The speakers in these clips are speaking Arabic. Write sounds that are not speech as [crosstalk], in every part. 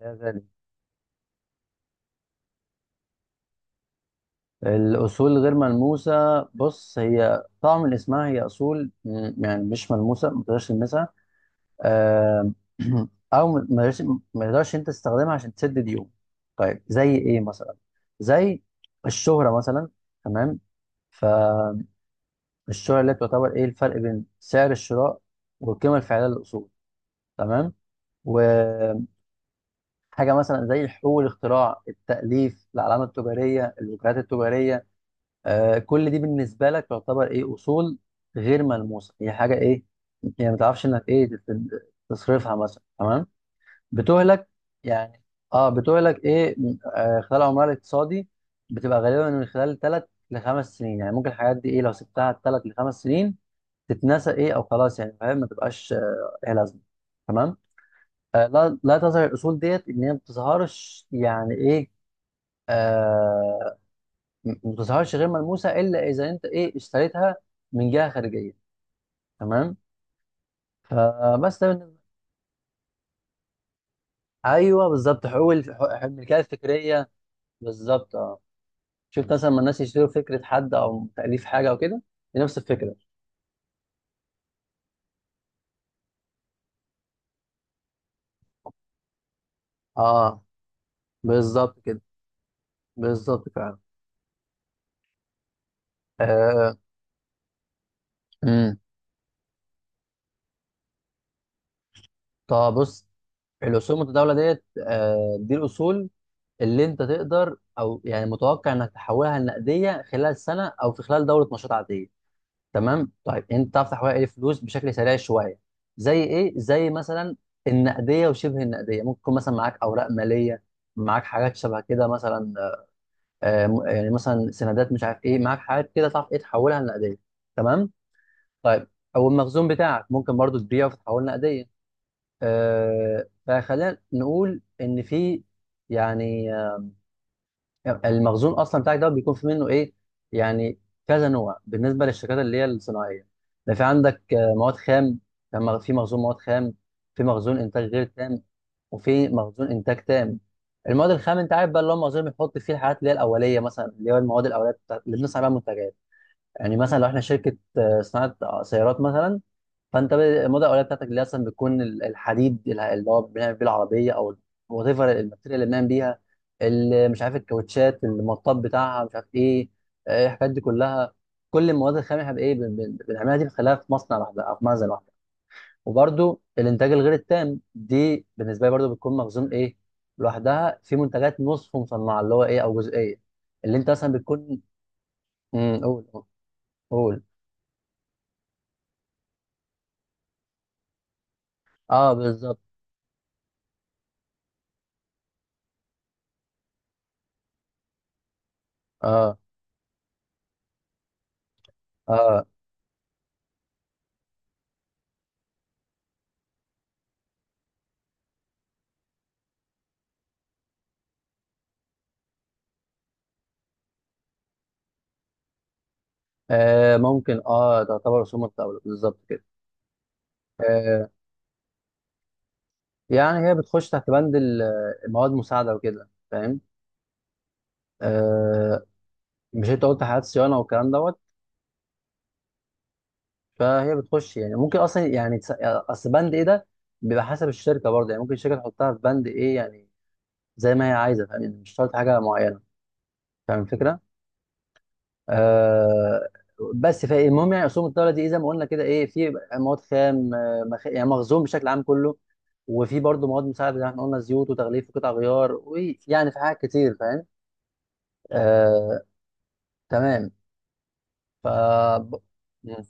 يا غالي، الأصول غير ملموسة. بص هي طبعا من اسمها هي أصول مش ملموسة، ما تقدرش تلمسها. آم، [clears throat] أو ما تقدرش أنت تستخدمها عشان تسد ديون. طيب زي إيه مثلا؟ زي الشهرة مثلا. تمام. فالشهرة اللي تعتبر إيه الفرق بين سعر الشراء والقيمة الفعلية للأصول. تمام. وحاجة مثلا زي حقوق الاختراع، التأليف، العلامة التجارية، الوكالات التجارية. آه كل دي بالنسبه لك تعتبر ايه؟ اصول غير ملموسه، هي حاجه ايه يعني، ما تعرفش انك ايه تصرفها مثلا. تمام. بتهلك يعني. اه بتهلك ايه خلال عمرها الاقتصادي. بتبقى غالبا من خلال ثلاث لخمس سنين. يعني ممكن الحاجات دي ايه لو سبتها ثلاث لخمس سنين تتنسى ايه او خلاص يعني، فاهم، ما تبقاش إيه لازمه. تمام. آه لا، لا تظهر الاصول ديت، ان هي ما بتظهرش يعني ايه. آه، ما بتظهرش غير ملموسه الا اذا انت ايه اشتريتها من جهه خارجيه. تمام. فبس ده بالنسبة- ايوه بالظبط، حقوق الملكيه الفكريه. بالظبط اه. شفت مثلا لما الناس يشتروا فكره حد او تاليف حاجه او كده، دي نفس الفكره. اه بالظبط كده. بالظبط فعلا. آه. امم طب بص، الاصول المتداوله ديت دي الاصول اللي انت تقدر او يعني متوقع انك تحولها لنقديه خلال سنه او في خلال دوره نشاط عاديه. تمام. طيب انت تعرف تحويل اي فلوس بشكل سريع شويه زي ايه؟ زي مثلا النقديه وشبه النقديه. ممكن يكون مثلا معاك اوراق ماليه، معاك حاجات شبه كده مثلا. يعني مثلا سندات، مش عارف ايه، معاك حاجات كده تعرف ايه تحولها لنقديه. تمام. طيب او المخزون بتاعك ممكن برضو تبيعه وتتحول نقديه. آه فخلينا نقول ان في يعني المخزون اصلا بتاعك ده بيكون في منه ايه يعني كذا نوع بالنسبه للشركات اللي هي الصناعيه. ده في عندك مواد خام. لما في مخزون مواد خام، في مخزون انتاج غير تام، وفي مخزون انتاج تام. المواد الخام انت عارف بقى اللي هو مخزون بيحط فيه الحاجات اللي هي الاوليه، مثلا اللي هو المواد الاوليه بتاعت- اللي بنصنع بيها منتجات. يعني مثلا لو احنا شركه صناعه سيارات مثلا، فانت ب- الموضه الاوليه بتاعتك اللي اصلا بتكون الحديد، اللي هو بنعمل بيه العربيه، او وات ايفر الماتيريال اللي بنعمل بيها. مش عارف الكاوتشات المطاط بتاعها، مش عارف ايه. الحاجات دي كلها، كل المواد الخام احنا بايه بنعملها دي بنخليها في مصنع لوحدها او في مخزن لوحدها. وبرده الانتاج الغير التام دي بالنسبه لي برده بتكون مخزون ايه، لوحدها، في منتجات نصف مصنعه اللي هو ايه او جزئيه، اللي انت مثلا بتكون. قول، قول. اه بالظبط، اه اه. آه ممكن، اه تعتبر رسوم متداولة، بالظبط كده. آه يعني هي بتخش تحت بند المواد المساعدة وكده، فاهم. آه مش انت قلت حالات صيانة والكلام دوت، فهي بتخش يعني ممكن اصلا يعني اصل بند ايه ده بيبقى حسب الشركة برضه، يعني ممكن الشركة تحطها في بند ايه يعني زي ما هي عايزة، فاهم، يعني مش شرط حاجة معينة. فاهم الفكرة؟ آه. بس فالمهم يعني اسهم الدوله دي إيه، زي ما قلنا كده ايه، في مواد خام، يعني مخزون بشكل عام كله، وفي برضه مواد مساعده زي ما احنا قلنا، زيوت وتغليف وقطع غيار، ويعني في حاجات كتير، فاهم. آه تمام. ف ب- مم.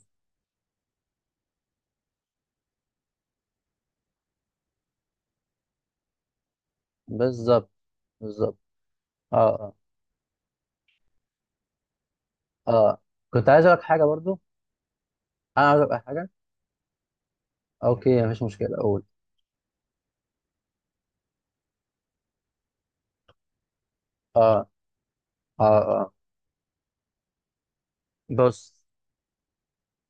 بالظبط، بالظبط. اه اه اه. كنت عايز اقول لك حاجه برضو. انا عايز اقول لك حاجه. اوكي مفيش مشكله، اقول. اه اه اه. بص،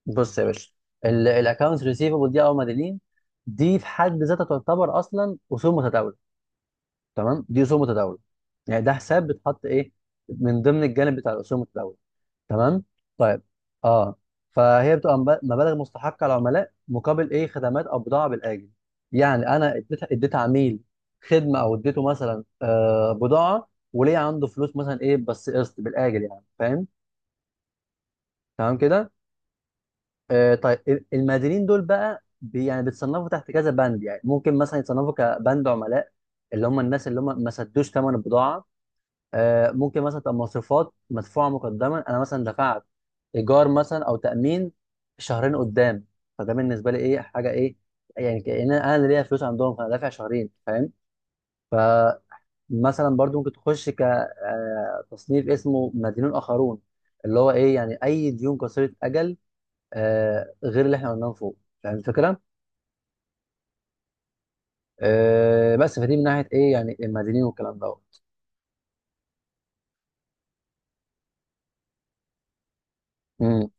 بص يا باشا، الاكونت ريسيفبل دي او مدينين، دي في حد ذاتها تعتبر اصلا اصول متداوله. تمام، دي اصول متداوله. يعني ده حساب بيتحط ايه من ضمن الجانب بتاع الاصول المتداوله. تمام. طيب اه. فهي بتبقى مبالغ مستحقه العملاء مقابل ايه، خدمات او بضاعه بالاجل. يعني انا اديت عميل خدمه او اديته مثلا بضاعه، وليه عنده فلوس مثلا ايه بس قسط بالاجل، يعني فاهم. تمام كده. آه، طيب ال- المقاولين دول بقى بي يعني بيتصنفوا تحت كذا بند، يعني ممكن مثلا يتصنفوا كبند عملاء، اللي هم الناس اللي هم ما سدوش ثمن البضاعه. ممكن مثلا تبقى مصروفات مدفوعه مقدما، انا مثلا دفعت ايجار مثلا او تامين شهرين قدام، فده بالنسبه لي ايه، حاجه ايه، يعني كأن انا اللي ليا فلوس عندهم فانا دافع شهرين، فاهم. فمثلا برضو ممكن تخش كتصنيف اسمه مدينون اخرون، اللي هو ايه يعني اي ديون قصيره اجل آه غير اللي احنا قلناه من فوق. فاهم الفكره؟ آه بس فدي من ناحيه ايه يعني المدنيين والكلام دوت. امم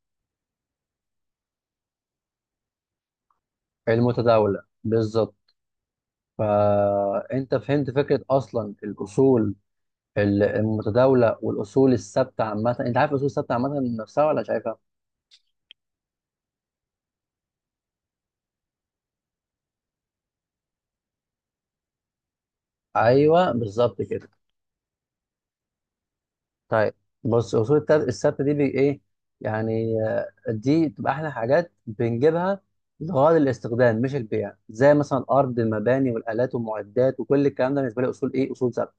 المتداوله بالظبط. فانت فهمت فكره اصلا الاصول المتداوله والاصول الثابته عامه. انت عارف الاصول الثابته عامه نفسها ولا شايفها؟ ايوه بالظبط كده. طيب بص، اصول الثبت دي بي ايه يعني، دي بتبقى احلى حاجات بنجيبها لغرض الاستخدام مش البيع، زي مثلا الارض، المباني، والالات، والمعدات، وكل الكلام ده بالنسبه لي اصول ايه، اصول ثبت.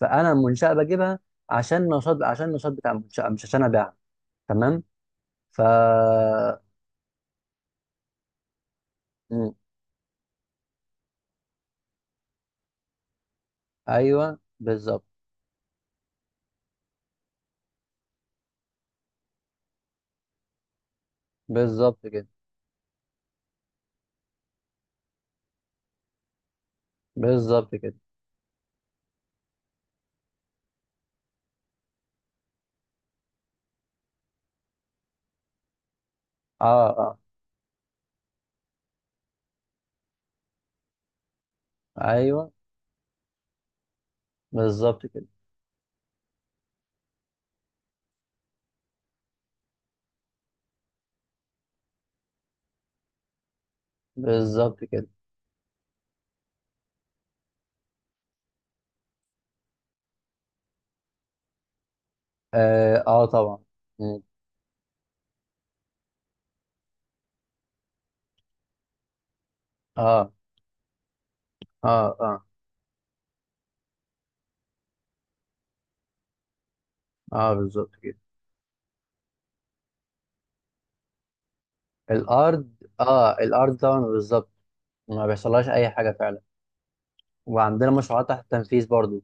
فانا المنشاه بجيبها عشان النشاط، عشان النشاط بتاع المنشاه، مش عشان ابيعها. تمام. ف مم. ايوه بالظبط. بالظبط كده. بالظبط كده. اه اه. ايوه بالظبط كده. بالظبط كده. اه، آه طبعا. مم. اه اه اه اه. بالظبط كده. الارض، اه الارض طبعا بالظبط، ما بيحصلهاش اي حاجه فعلا. وعندنا مشروعات تحت التنفيذ برضو،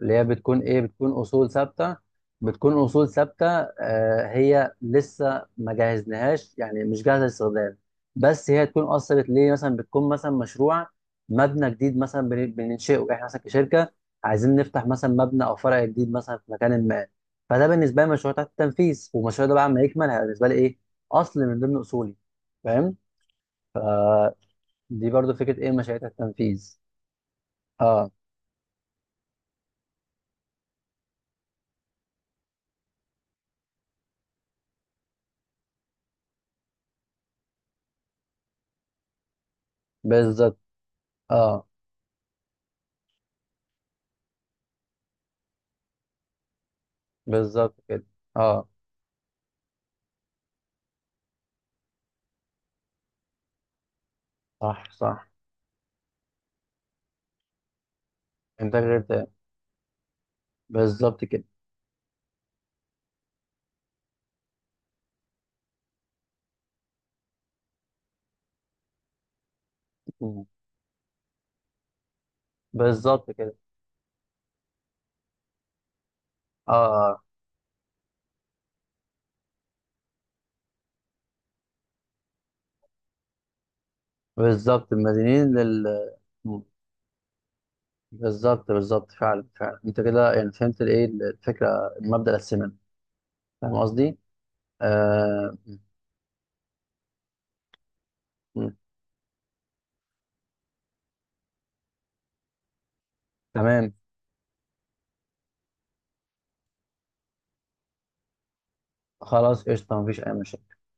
اللي هي بتكون ايه، بتكون اصول ثابته. بتكون اصول ثابته آه، هي لسه ما جهزناهاش يعني مش جاهزه للاستخدام، بس هي تكون اثرت ليه. مثلا بتكون مثلا مشروع مبنى جديد مثلا بننشئه احنا مثلا كشركه، عايزين نفتح مثلا مبنى او فرع جديد مثلا في مكان ما. فده بالنسبه لي مشروع تحت التنفيذ، والمشروع ده بعد ما يكمل هيبقى بالنسبه لي ايه، اصل من ضمن اصولي، فاهم. دي برضو فكره ايه، مشاريع تحت التنفيذ. اه بالظبط. اه بالظبط كده. اه. صح صح. انتاج غير تام. بالظبط كده. مم. بالظبط كده. اه اه. بالظبط، مدينين لل مم. بالظبط، بالظبط فعلا فعلا انت كده يعني فهمت الايه الفكره، المبدأ الاساسي منه. فاهم قصدي؟ آه. مم. مم. تمام، خلاص قشطه، مفيش اي مشاكل.